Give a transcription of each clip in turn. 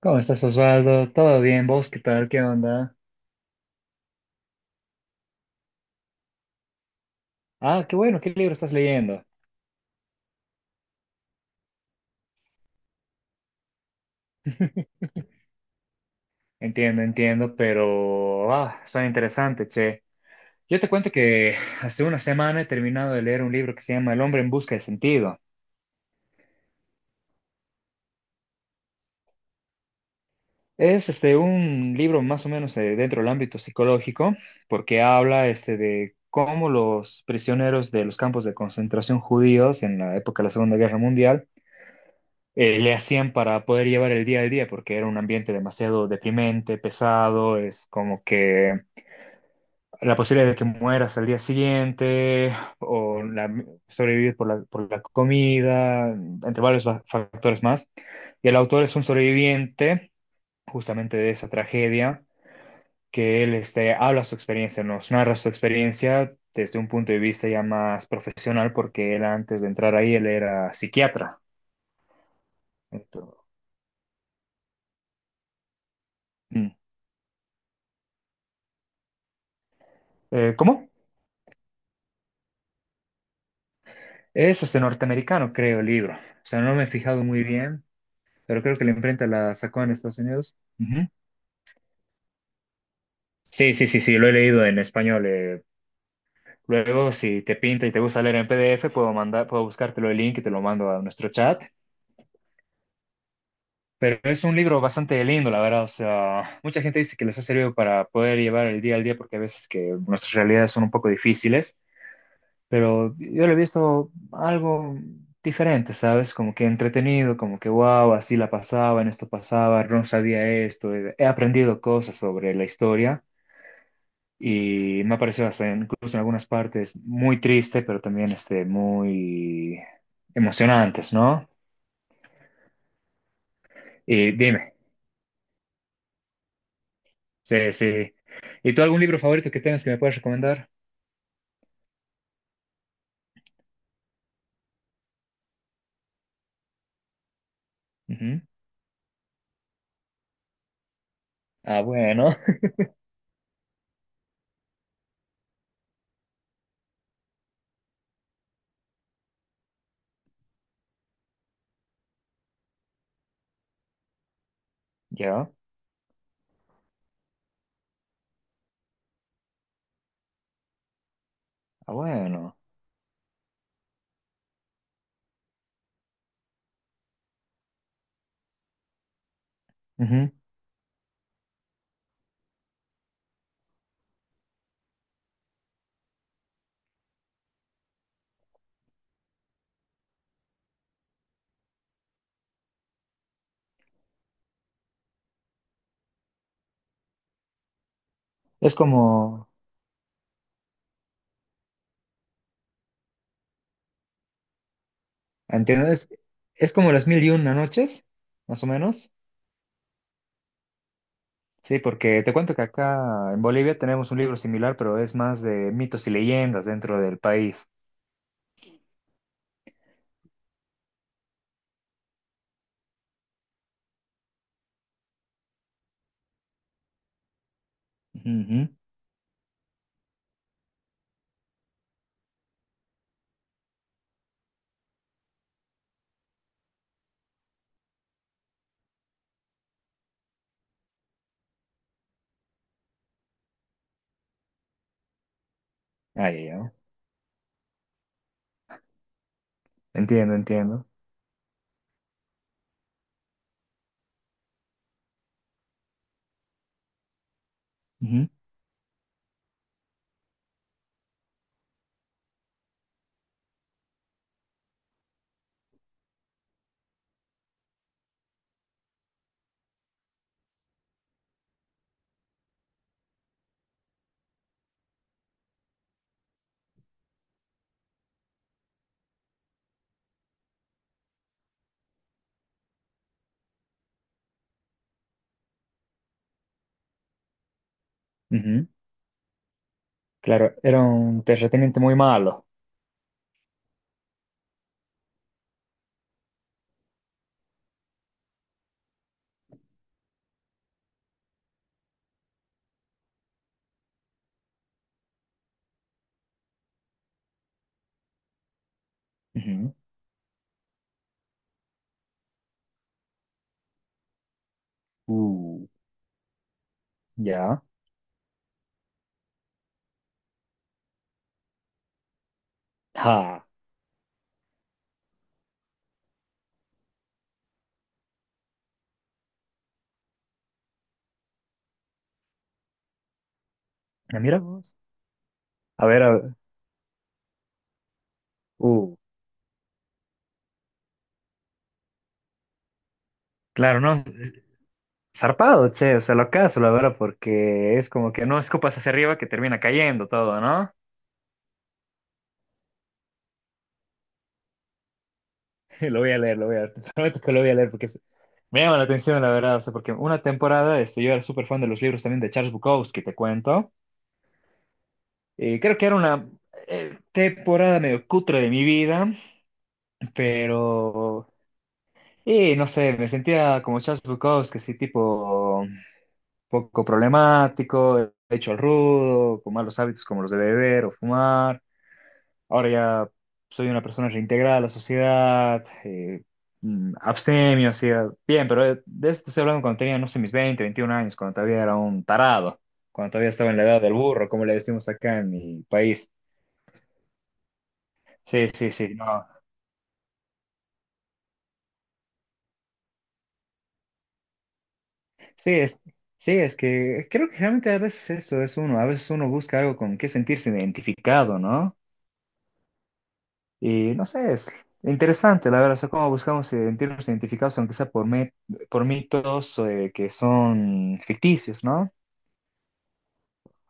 ¿Cómo estás, Osvaldo? ¿Todo bien? ¿Vos qué tal? ¿Qué onda? Ah, qué bueno, ¿qué libro estás leyendo? Entiendo, entiendo, pero ah, son interesantes, che. Yo te cuento que hace una semana he terminado de leer un libro que se llama El hombre en busca de sentido. Es este un libro más o menos dentro del ámbito psicológico, porque habla este de cómo los prisioneros de los campos de concentración judíos en la época de la Segunda Guerra Mundial le hacían para poder llevar el día al día, porque era un ambiente demasiado deprimente, pesado, es como que la posibilidad de que mueras al día siguiente, o la- sobrevivir por la comida, entre varios factores más. Y el autor es un sobreviviente justamente de esa tragedia, que él este, habla su experiencia, nos narra su experiencia desde un punto de vista ya más profesional, porque él antes de entrar ahí, él era psiquiatra. Entonces, mm. ¿Cómo? Es este norteamericano, creo, el libro. O sea, no me he fijado muy bien, pero creo que la imprenta la sacó en Estados Unidos. Ujú. Sí, sí, sí, sí, lo he leído en español. Luego, si te pinta y te gusta leer en PDF, puedo mandar, puedo buscártelo el link y te lo mando a nuestro chat. Pero es un libro bastante lindo, la verdad. O sea, mucha gente dice que les ha servido para poder llevar el día al día porque a veces que nuestras realidades son un poco difíciles. Pero yo lo he visto algo diferente, ¿sabes? Como que entretenido, como que wow, así la pasaba, en esto pasaba, Ron sabía esto, he aprendido cosas sobre la historia y me ha parecido hasta incluso en algunas partes muy triste, pero también este, muy emocionantes, ¿no? Y dime, sí, sí. ¿Y tú algún libro favorito que tengas que me puedas recomendar? Ujú. Ah, bueno, ¿Ya? Ah, bueno. Ujú. Es como... ¿Entiendes? Es como las mil y una noches, más o menos. Sí, porque te cuento que acá en Bolivia tenemos un libro similar, pero es más de mitos y leyendas dentro del país. Ujú, ujú. Ah, ya, ya. Entiendo, entiendo. Ujú, ujú. Claro, era un terrateniente muy malo. Ujú. Uh, ya. Ja. Ah, mira vos. A ver, a ver. Uh, claro, no. Zarpado, che, o sea, lo acaso, la verdad, porque es como que no escupas hacia arriba que termina cayendo todo, ¿no? Lo voy a leer, lo voy a leer. Te prometo que lo voy a leer porque es- me llama la atención, la verdad. O sea, porque una temporada, este, yo era súper fan de los libros también de Charles Bukowski, te cuento. Y creo que era una temporada medio cutre de mi vida, pero. Y no sé, me sentía como Charles Bukowski, así tipo poco problemático, hecho al rudo, con malos hábitos como los de beber o fumar. Ahora ya soy una persona reintegrada a la sociedad, abstemio, hacía bien, pero de esto estoy hablando cuando tenía, no sé, mis 20 21 años, cuando todavía era un tarado, cuando todavía estaba en la edad del burro, como le decimos acá en mi país. Sí, sí, sí, no. Sí, es, sí, es que creo que realmente a veces eso es uno, a veces uno busca algo con que sentirse identificado, ¿no? Y no sé, es interesante, la verdad, o sea, cómo buscamos sentirnos identificados, aunque sea por mitos que son ficticios, ¿no?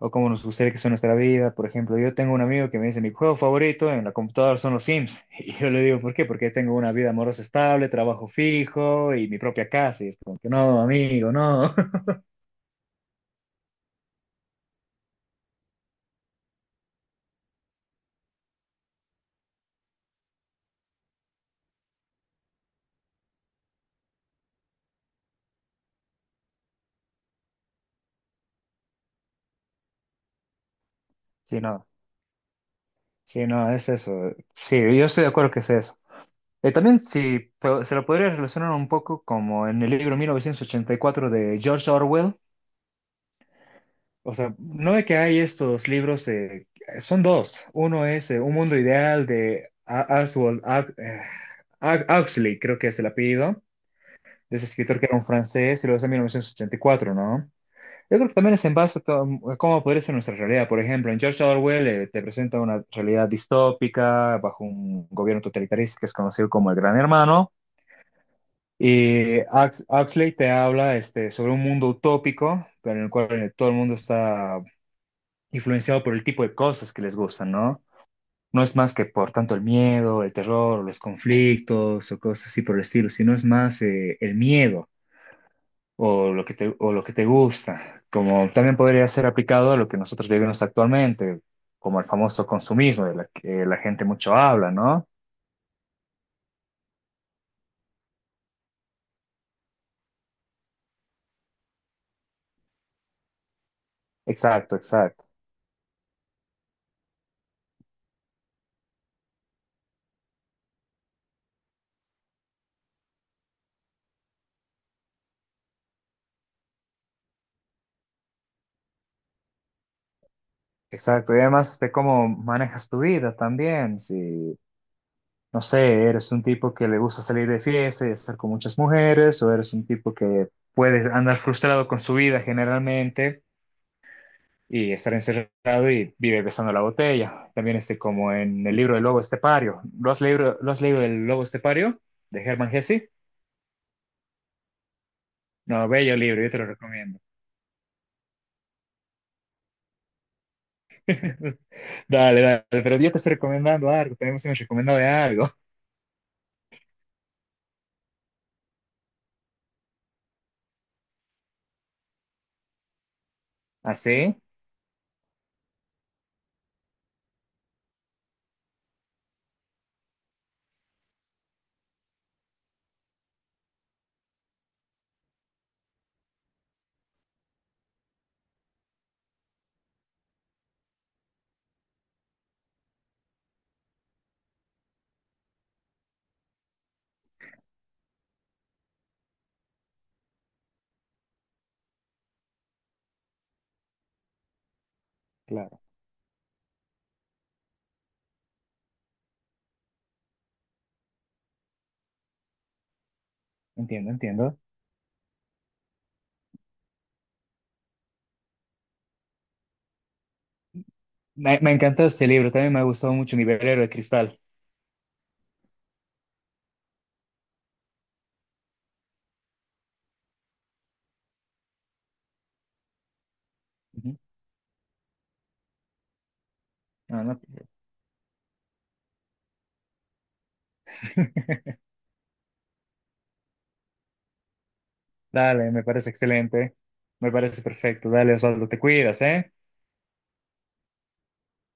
O cómo nos gustaría que sea nuestra vida. Por ejemplo, yo tengo un amigo que me dice, mi juego favorito en la computadora son los Sims. Y yo le digo, ¿por qué? Porque tengo una vida amorosa estable, trabajo fijo y mi propia casa. Y es como que no, amigo, no. Sí, no, sí, no, es eso. Sí, yo estoy de acuerdo que es eso. También sí, se lo podría relacionar un poco como en el libro 1984 de George Orwell. O sea, no de que hay estos libros, son dos. Uno es Un mundo ideal de Oswald Huxley, creo que es el apellido, de ese escritor que era un francés, y luego es en 1984, ¿no? Yo creo que también es en base a, a cómo podría ser nuestra realidad. Por ejemplo, en George Orwell te presenta una realidad distópica bajo un gobierno totalitarista que es conocido como el Gran Hermano. Y Huxley te habla este, sobre un mundo utópico, pero en el cual todo el mundo está influenciado por el tipo de cosas que les gustan, ¿no? No es más que por tanto el miedo, el terror, los conflictos o cosas así por el estilo, sino es más el miedo o lo que te gusta, como también podría ser aplicado a lo que nosotros vivimos actualmente, como el famoso consumismo de la que la gente mucho habla, ¿no? Exacto, exacto. Exacto, y además de cómo manejas tu vida también, si no sé, eres un tipo que le gusta salir de fiesta y estar con muchas mujeres, o eres un tipo que puede andar frustrado con su vida generalmente y estar encerrado y vive besando la botella. También este, como en el libro del Lobo Estepario. ¿Lo has leído El Lobo Estepario de Hermann Hesse? No, bello libro, yo te lo recomiendo. Dale, dale, pero yo te estoy recomendando algo, también me has recomendado de algo. ¿Así? Claro, entiendo, entiendo. Me encantó este libro, también me ha gustado mucho Mi velero de cristal. Ujú. No, no, Dale, me parece excelente. Me parece perfecto. Dale, Osvaldo, te cuidas, ¿eh?